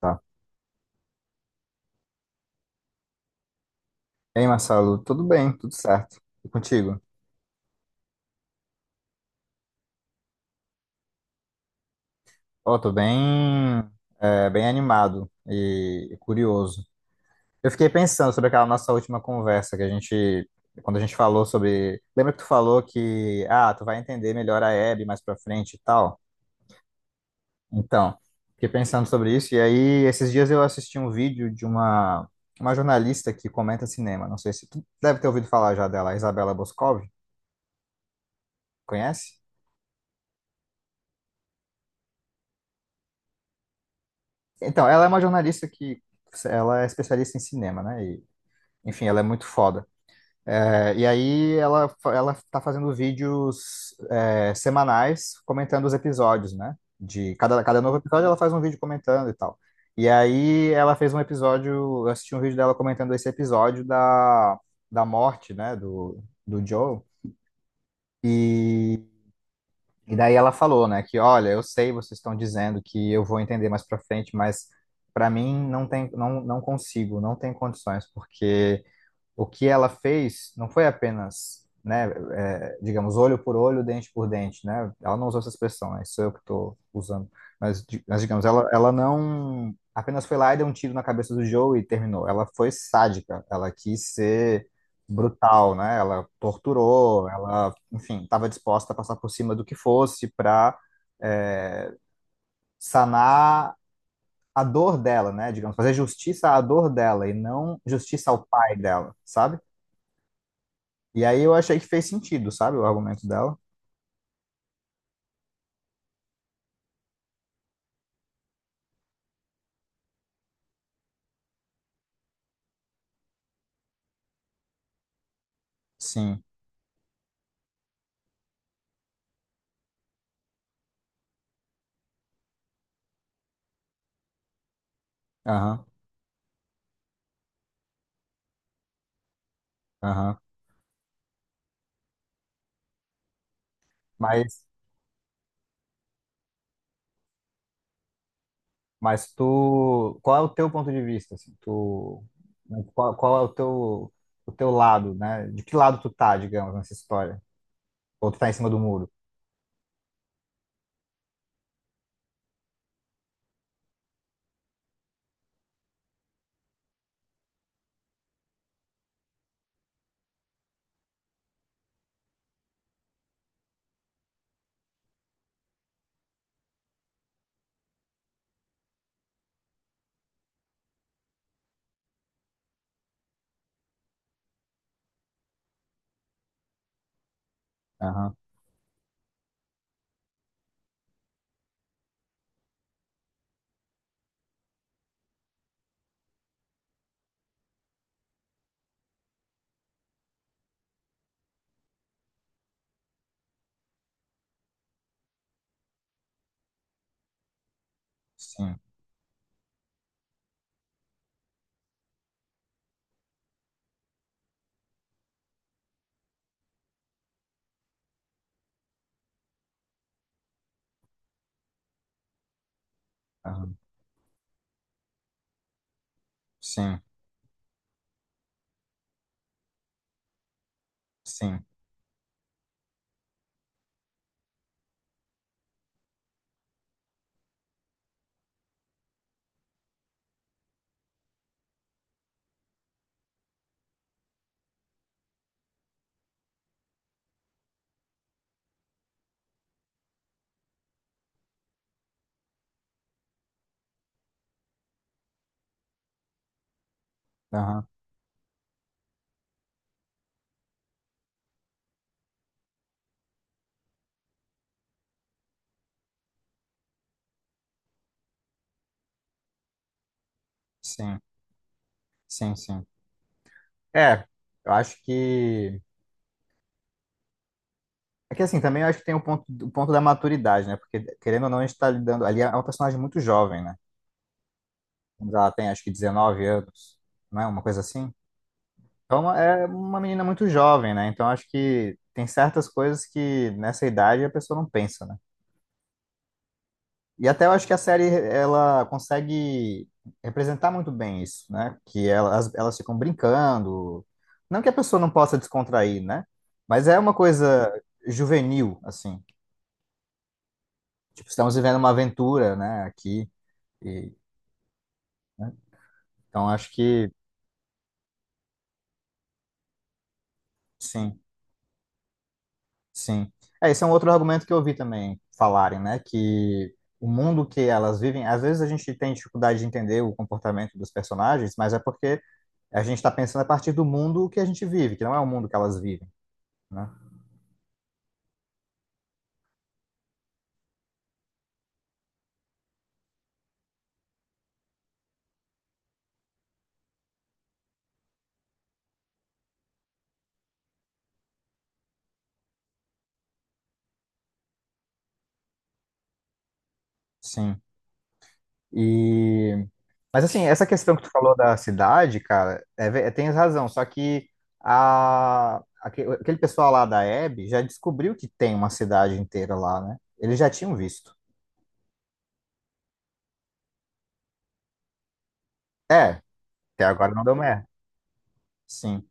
Tá. Ei, Marcelo, tudo bem, tudo certo. E contigo? Ó, tô bem, bem animado e curioso. Eu fiquei pensando sobre aquela nossa última conversa quando a gente falou sobre, lembra que tu falou que, ah, tu vai entender melhor a Hebe mais pra frente e tal? Então, fiquei pensando sobre isso e aí esses dias eu assisti um vídeo de uma jornalista que comenta cinema. Não sei se tu deve ter ouvido falar já dela, a Isabela Boscov, conhece? Então, ela é uma jornalista que ela é especialista em cinema, né? E, enfim, ela é muito foda. E aí ela tá fazendo vídeos semanais comentando os episódios, né? De cada novo episódio ela faz um vídeo comentando e tal. E aí ela fez um episódio, eu assisti um vídeo dela comentando esse episódio da morte, né? Do Joe. e E daí ela falou, né, que olha, eu sei, vocês estão dizendo que eu vou entender mais para frente, mas para mim não tem, não, não consigo, não tem condições, porque o que ela fez não foi apenas, né, digamos, olho por olho, dente por dente, né? Ela não usou essa expressão, né? Isso sou eu que estou usando. Mas, digamos, ela não apenas foi lá e deu um tiro na cabeça do Joe e terminou. Ela foi sádica, ela quis ser brutal, né? Ela torturou, ela, enfim, estava disposta a passar por cima do que fosse para sanar a dor dela, né? Digamos, fazer justiça à dor dela e não justiça ao pai dela, sabe? E aí eu achei que fez sentido, sabe, o argumento dela. Sim, aham, aham. Mas, mas tu, qual é o teu ponto de vista, assim, tu, né, qual é o teu lado, né? De que lado tu tá, digamos, nessa história? Ou tu tá em cima do muro? Aham, sim, aham, sim, sim, aham, sim, sim, sim. É, eu acho que, é que assim, também eu acho que tem o ponto da maturidade, né? Porque, querendo ou não, a gente tá lidando, ali é um personagem muito jovem, né? Mas ela tem acho que 19 anos, não é? Uma coisa assim. Então é uma menina muito jovem, né? Então acho que tem certas coisas que nessa idade a pessoa não pensa, né? E até eu acho que a série ela consegue representar muito bem isso, né? Que elas ficam brincando. Não que a pessoa não possa descontrair, né? Mas é uma coisa juvenil, assim. Tipo, estamos vivendo uma aventura, né? Aqui. E, então acho que sim. Sim. Esse é um outro argumento que eu ouvi também falarem, né? Que o mundo que elas vivem, às vezes a gente tem dificuldade de entender o comportamento dos personagens, mas é porque a gente está pensando a partir do mundo que a gente vive, que não é o mundo que elas vivem, né? Sim. E... Mas assim, essa questão que tu falou da cidade, cara, tens razão, só que a... aquele pessoal lá da Abby já descobriu que tem uma cidade inteira lá, né? Eles já tinham visto. É, até agora não deu merda. Sim,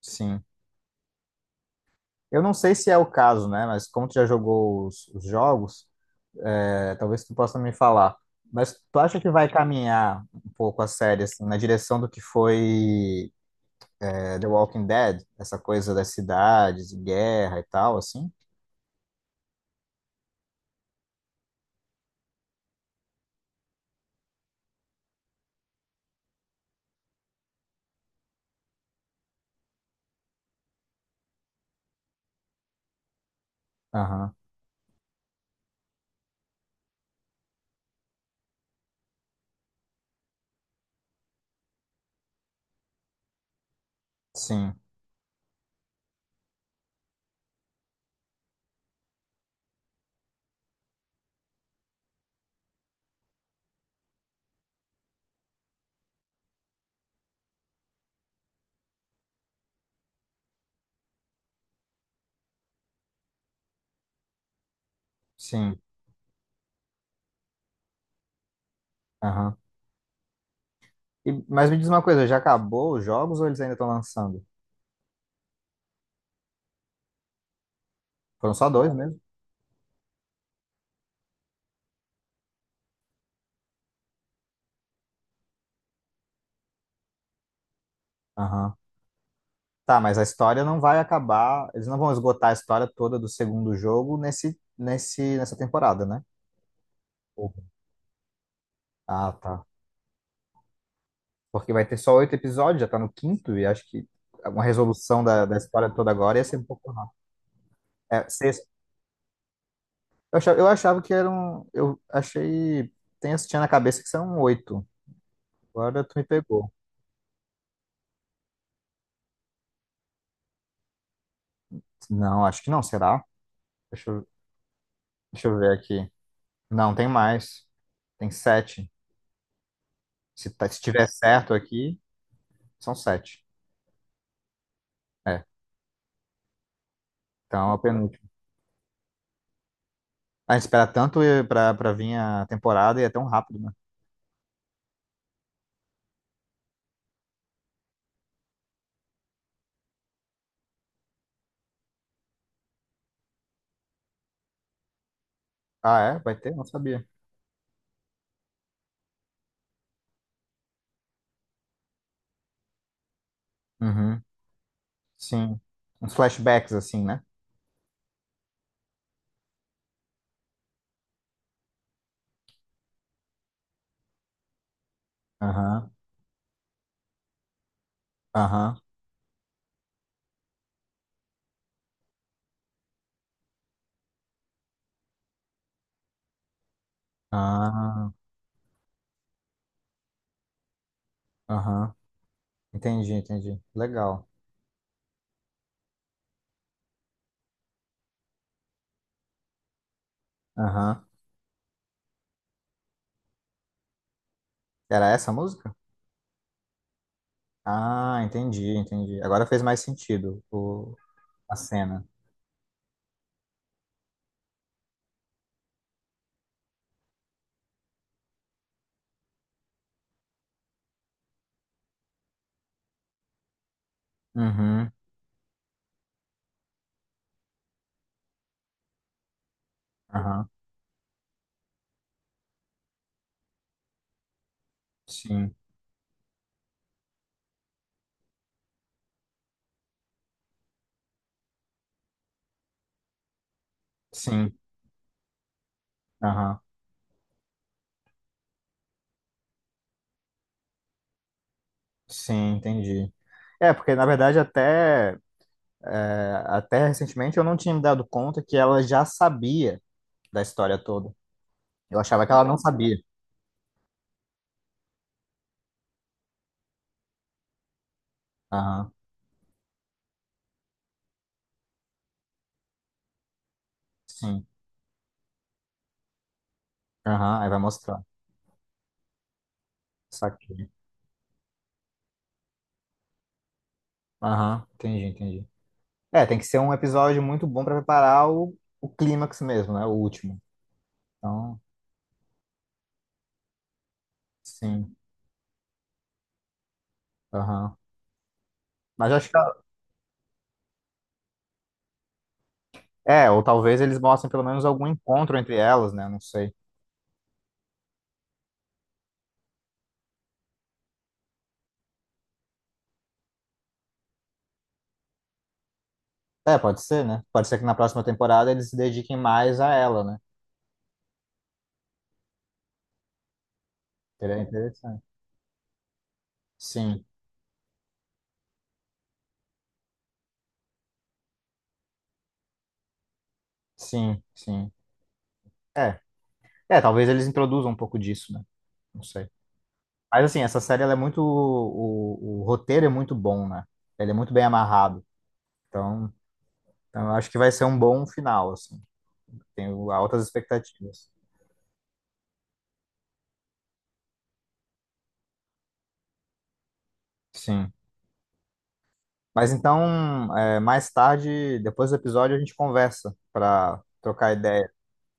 sim. Eu não sei se é o caso, né? Mas como tu já jogou os jogos, talvez tu possa me falar. Mas tu acha que vai caminhar um pouco a série assim, na direção do que foi The Walking Dead? Essa coisa das cidades, guerra e tal, assim? Aham. Sim, sim. Aham. Mas me diz uma coisa, já acabou os jogos ou eles ainda estão lançando? Foram só dois mesmo? Aham. Tá, mas a história não vai acabar. Eles não vão esgotar a história toda do segundo jogo nessa temporada, né? Ou- Ah, tá. Porque vai ter só oito episódios, já tá no quinto, e acho que uma resolução da história toda agora ia ser um pouco rápido. É, sexto. Eu achava que eram. Eu achei. Tinha na cabeça que são oito. Agora tu me pegou. Não, acho que não, será? Deixa eu, Deixa eu ver aqui. Não, tem mais. Tem sete. Se tiver certo aqui, são sete. É, então é o penúltimo. A gente espera tanto pra vir a temporada e é tão rápido, né? Ah, é? Vai ter? Não sabia. Uhum. Sim. Uns flashbacks, assim, né? Aham, aham, ah, aham. Entendi, entendi. Legal. Aham. Era essa a música? Ah, entendi, entendi. Agora fez mais sentido a cena. Uhum, aham. Sim, sim, aham. Sim, entendi. É, porque na verdade até recentemente eu não tinha me dado conta que ela já sabia da história toda. Eu achava que ela não sabia. Aham, sim. Aham, aí vai mostrar. Saquei. Aham, entendi, entendi. É, tem que ser um episódio muito bom pra preparar o clímax mesmo, né? O último. Então, sim. Aham. Mas eu acho que. É, ou talvez eles mostrem pelo menos algum encontro entre elas, né? Não sei. É, pode ser, né? Pode ser que na próxima temporada eles se dediquem mais a ela, né? Seria interessante. Sim, sim, sim. É. É, talvez eles introduzam um pouco disso, né? Não sei. Mas assim, essa série ela é muito. O roteiro é muito bom, né? Ele é muito bem amarrado. Então, então eu acho que vai ser um bom final, assim. Tenho altas expectativas. Sim. Mas então, mais tarde, depois do episódio, a gente conversa para trocar ideia.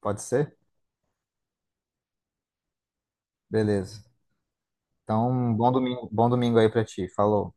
Pode ser? Beleza. Então, bom domingo aí para ti. Falou.